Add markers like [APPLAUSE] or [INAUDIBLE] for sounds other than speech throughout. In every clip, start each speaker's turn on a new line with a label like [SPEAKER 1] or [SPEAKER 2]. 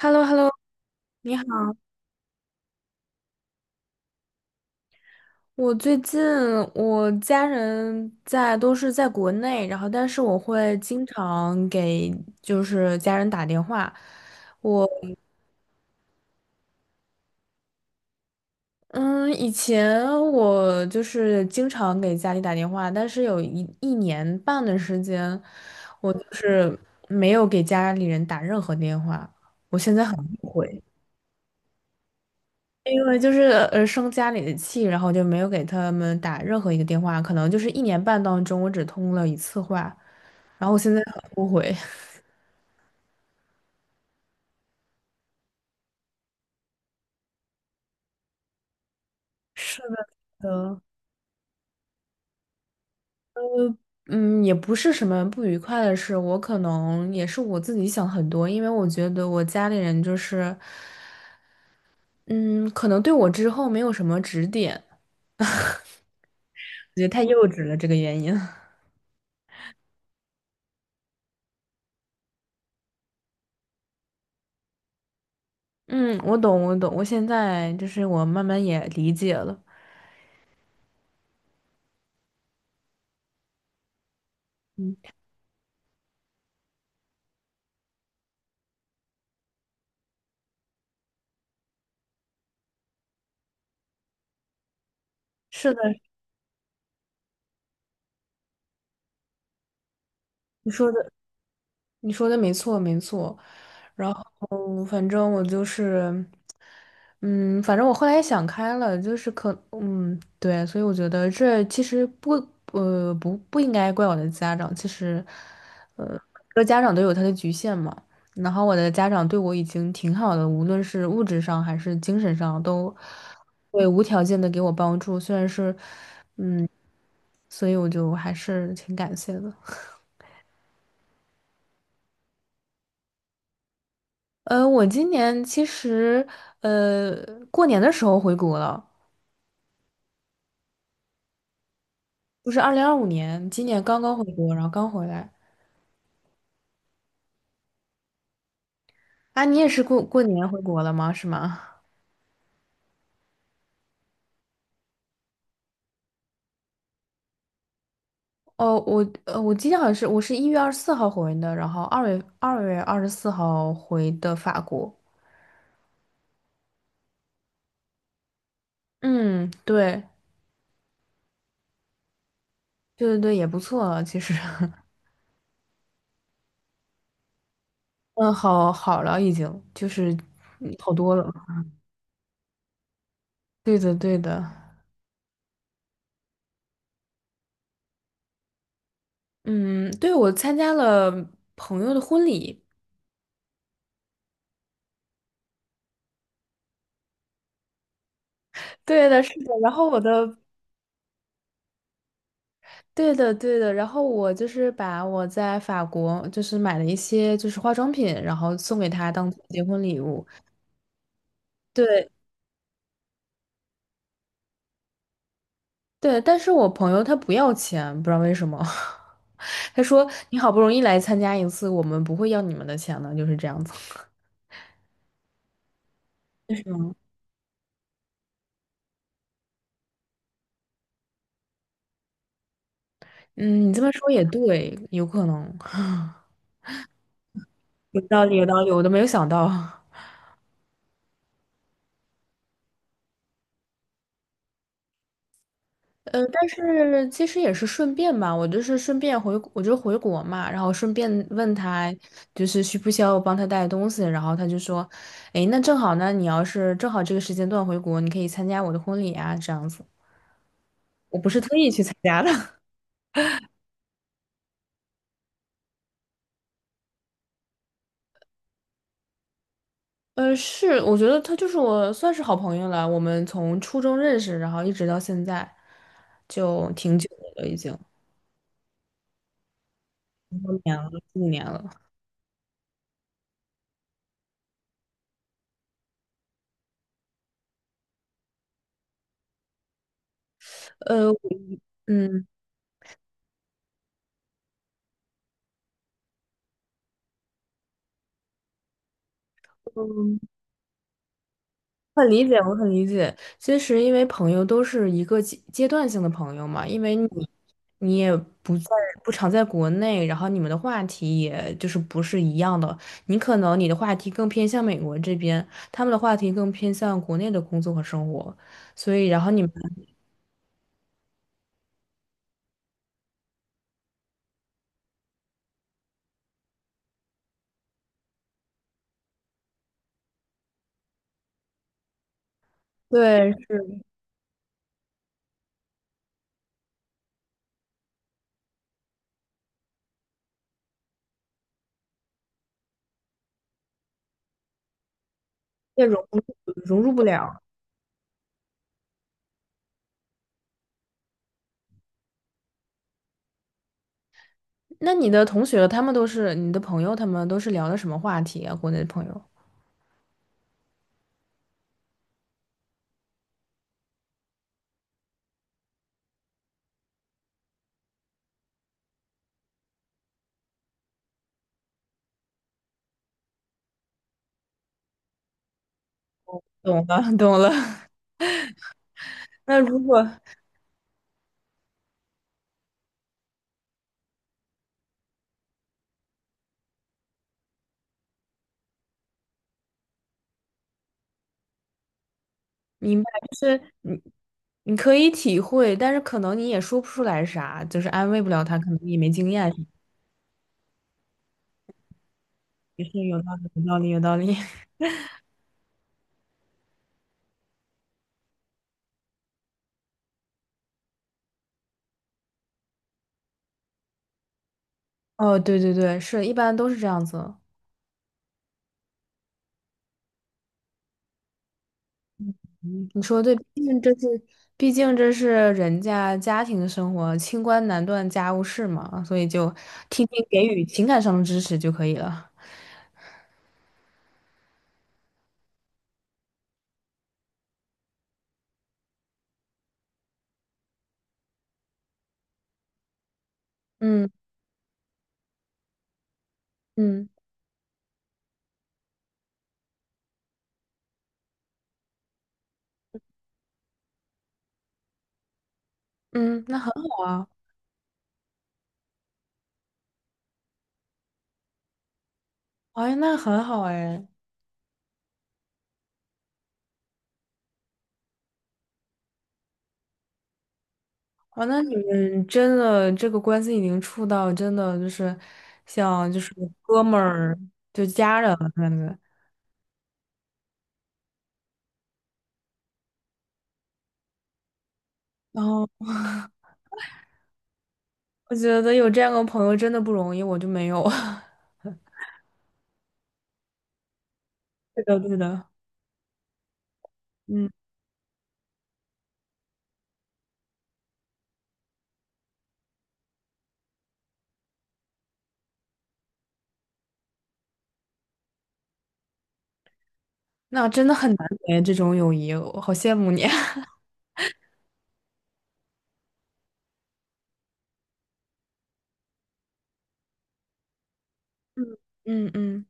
[SPEAKER 1] h e l l o h e l l o 你好。我最近我家人都是在国内，然后但是我会经常给就是家人打电话。我嗯，以前我就是经常给家里打电话，但是有一年半的时间，我就是没有给家里人打任何电话，会，因为就是生家里的气，然后就没有给他们打任何一个电话，可能就是一年半当中我只通了一次话。然后我现在很后悔。[LAUGHS] 是的，嗯，也不是什么不愉快的事，我可能也是我自己想很多，因为我觉得我家里人就是，嗯，可能对我之后没有什么指点，我觉得太幼稚了这个原因。[LAUGHS] 嗯，我懂，我懂，我现在就是我慢慢也理解了。嗯，是的，你说的你说的没错，没错。然后反正我就是，反正我后来也想开了，就是对，所以我觉得这其实不应该怪我的家长，其实，每个家长都有他的局限嘛。然后我的家长对我已经挺好的，无论是物质上还是精神上，都会无条件的给我帮助。虽然是，所以我就还是挺感谢的。我今年其实呃过年的时候回国了，就是2025年，今年刚刚回国，然后刚回来。啊，你也是过过年回国了吗？是吗？哦，我记得好像是我是1月24号回的，然后二月二十四号回的法国。嗯，对，对对对，也不错了，其实，[LAUGHS] 嗯，好了，已经就是好多了。对的，对的，嗯，对，我参加了朋友的婚礼。对的，是的。然后我的，对的，对的。然后我就是把我在法国就是买了一些就是化妆品，然后送给他当做结婚礼物。对对，但是我朋友他不要钱，不知道为什么。[LAUGHS] 他说你好不容易来参加一次，我们不会要你们的钱的，就是这样子。[LAUGHS] 嗯，你这么说也对，有可能，[LAUGHS] [SIGHS] 有道理，有道理，我都没有想到。但是其实也是顺便吧，我就是顺便回，我就回国嘛，然后顺便问他，就是需不需要我帮他带东西，然后他就说，诶，那正好呢，你要是正好这个时间段回国，你可以参加我的婚礼啊，这样子。我不是特意去参加的，[LAUGHS] 是，我觉得他就是我算是好朋友了，我们从初中认识，然后一直到现在，就挺久的了，已经一年了，四五年了，呃，嗯。很理解，我很理解。其实，因为朋友都是一个阶段性的朋友嘛，因为你也不在不常在国内，然后你们的话题也就是不是一样的。你可能你的话题更偏向美国这边，他们的话题更偏向国内的工作和生活，所以然后你们对是也融入不了。那你的同学他们都是你的朋友，他们都是聊的什么话题啊？国内的朋友。懂了，[LAUGHS] 懂了。[LAUGHS] 那如果明白，就是你可以体会，但是可能你也说不出来啥，就是安慰不了他，可能你也没经验。也是有道理，有道理，有道理。[LAUGHS] 哦，对对对，是一般都是这样子。你说对，毕竟这是人家家庭生活，清官难断家务事嘛，所以就听听给予情感上的支持就可以了。嗯嗯嗯，那很好啊，哎，那很好哎。哦，那你们真的这个关系已经处到真的就是像就是哥们儿就家人了感觉。然后我觉得有这样的朋友真的不容易，我就没有。[LAUGHS] 对的，对的，嗯，那真的很难得这种友谊，我好羡慕你。[LAUGHS] 嗯嗯嗯，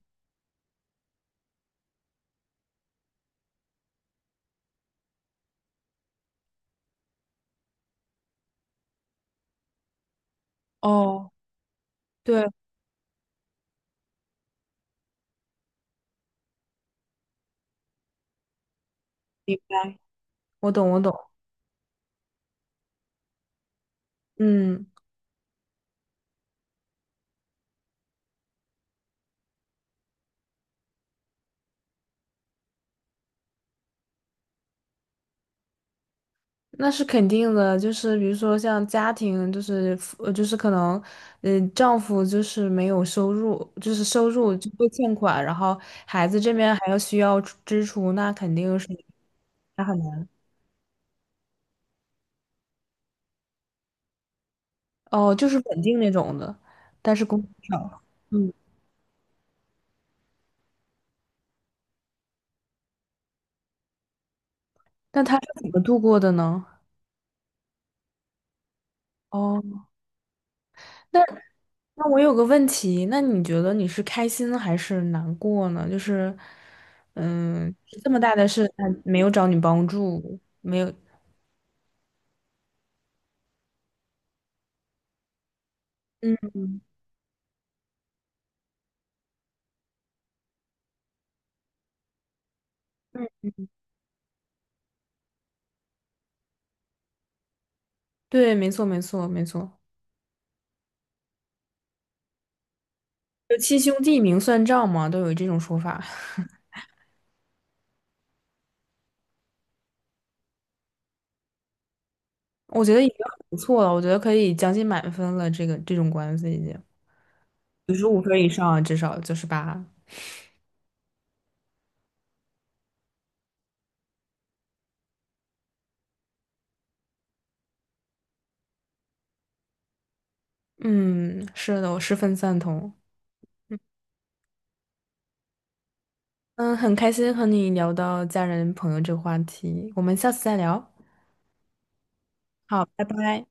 [SPEAKER 1] 哦，对，明白，我懂，我懂，嗯。那是肯定的，就是比如说像家庭，就是就是可能，丈夫就是没有收入，就是收入就会欠款，然后孩子这边还要需要支出，那肯定是那很难哦，就是稳定那种的，但是工资少。嗯，那他是怎么度过的呢？哦，那那我有个问题，那你觉得你是开心还是难过呢？就是，嗯，这么大的事，他没有找你帮助，没有。嗯。对，没错，没错，没错，就七兄弟明算账嘛，都有这种说法。[LAUGHS] 我觉得已经很不错了，我觉得可以将近满分了。这种关系已经95分以上啊，至少98。嗯，是的，我十分赞同。嗯，嗯很开心和你聊到家人朋友这个话题，我们下次再聊。好，拜拜。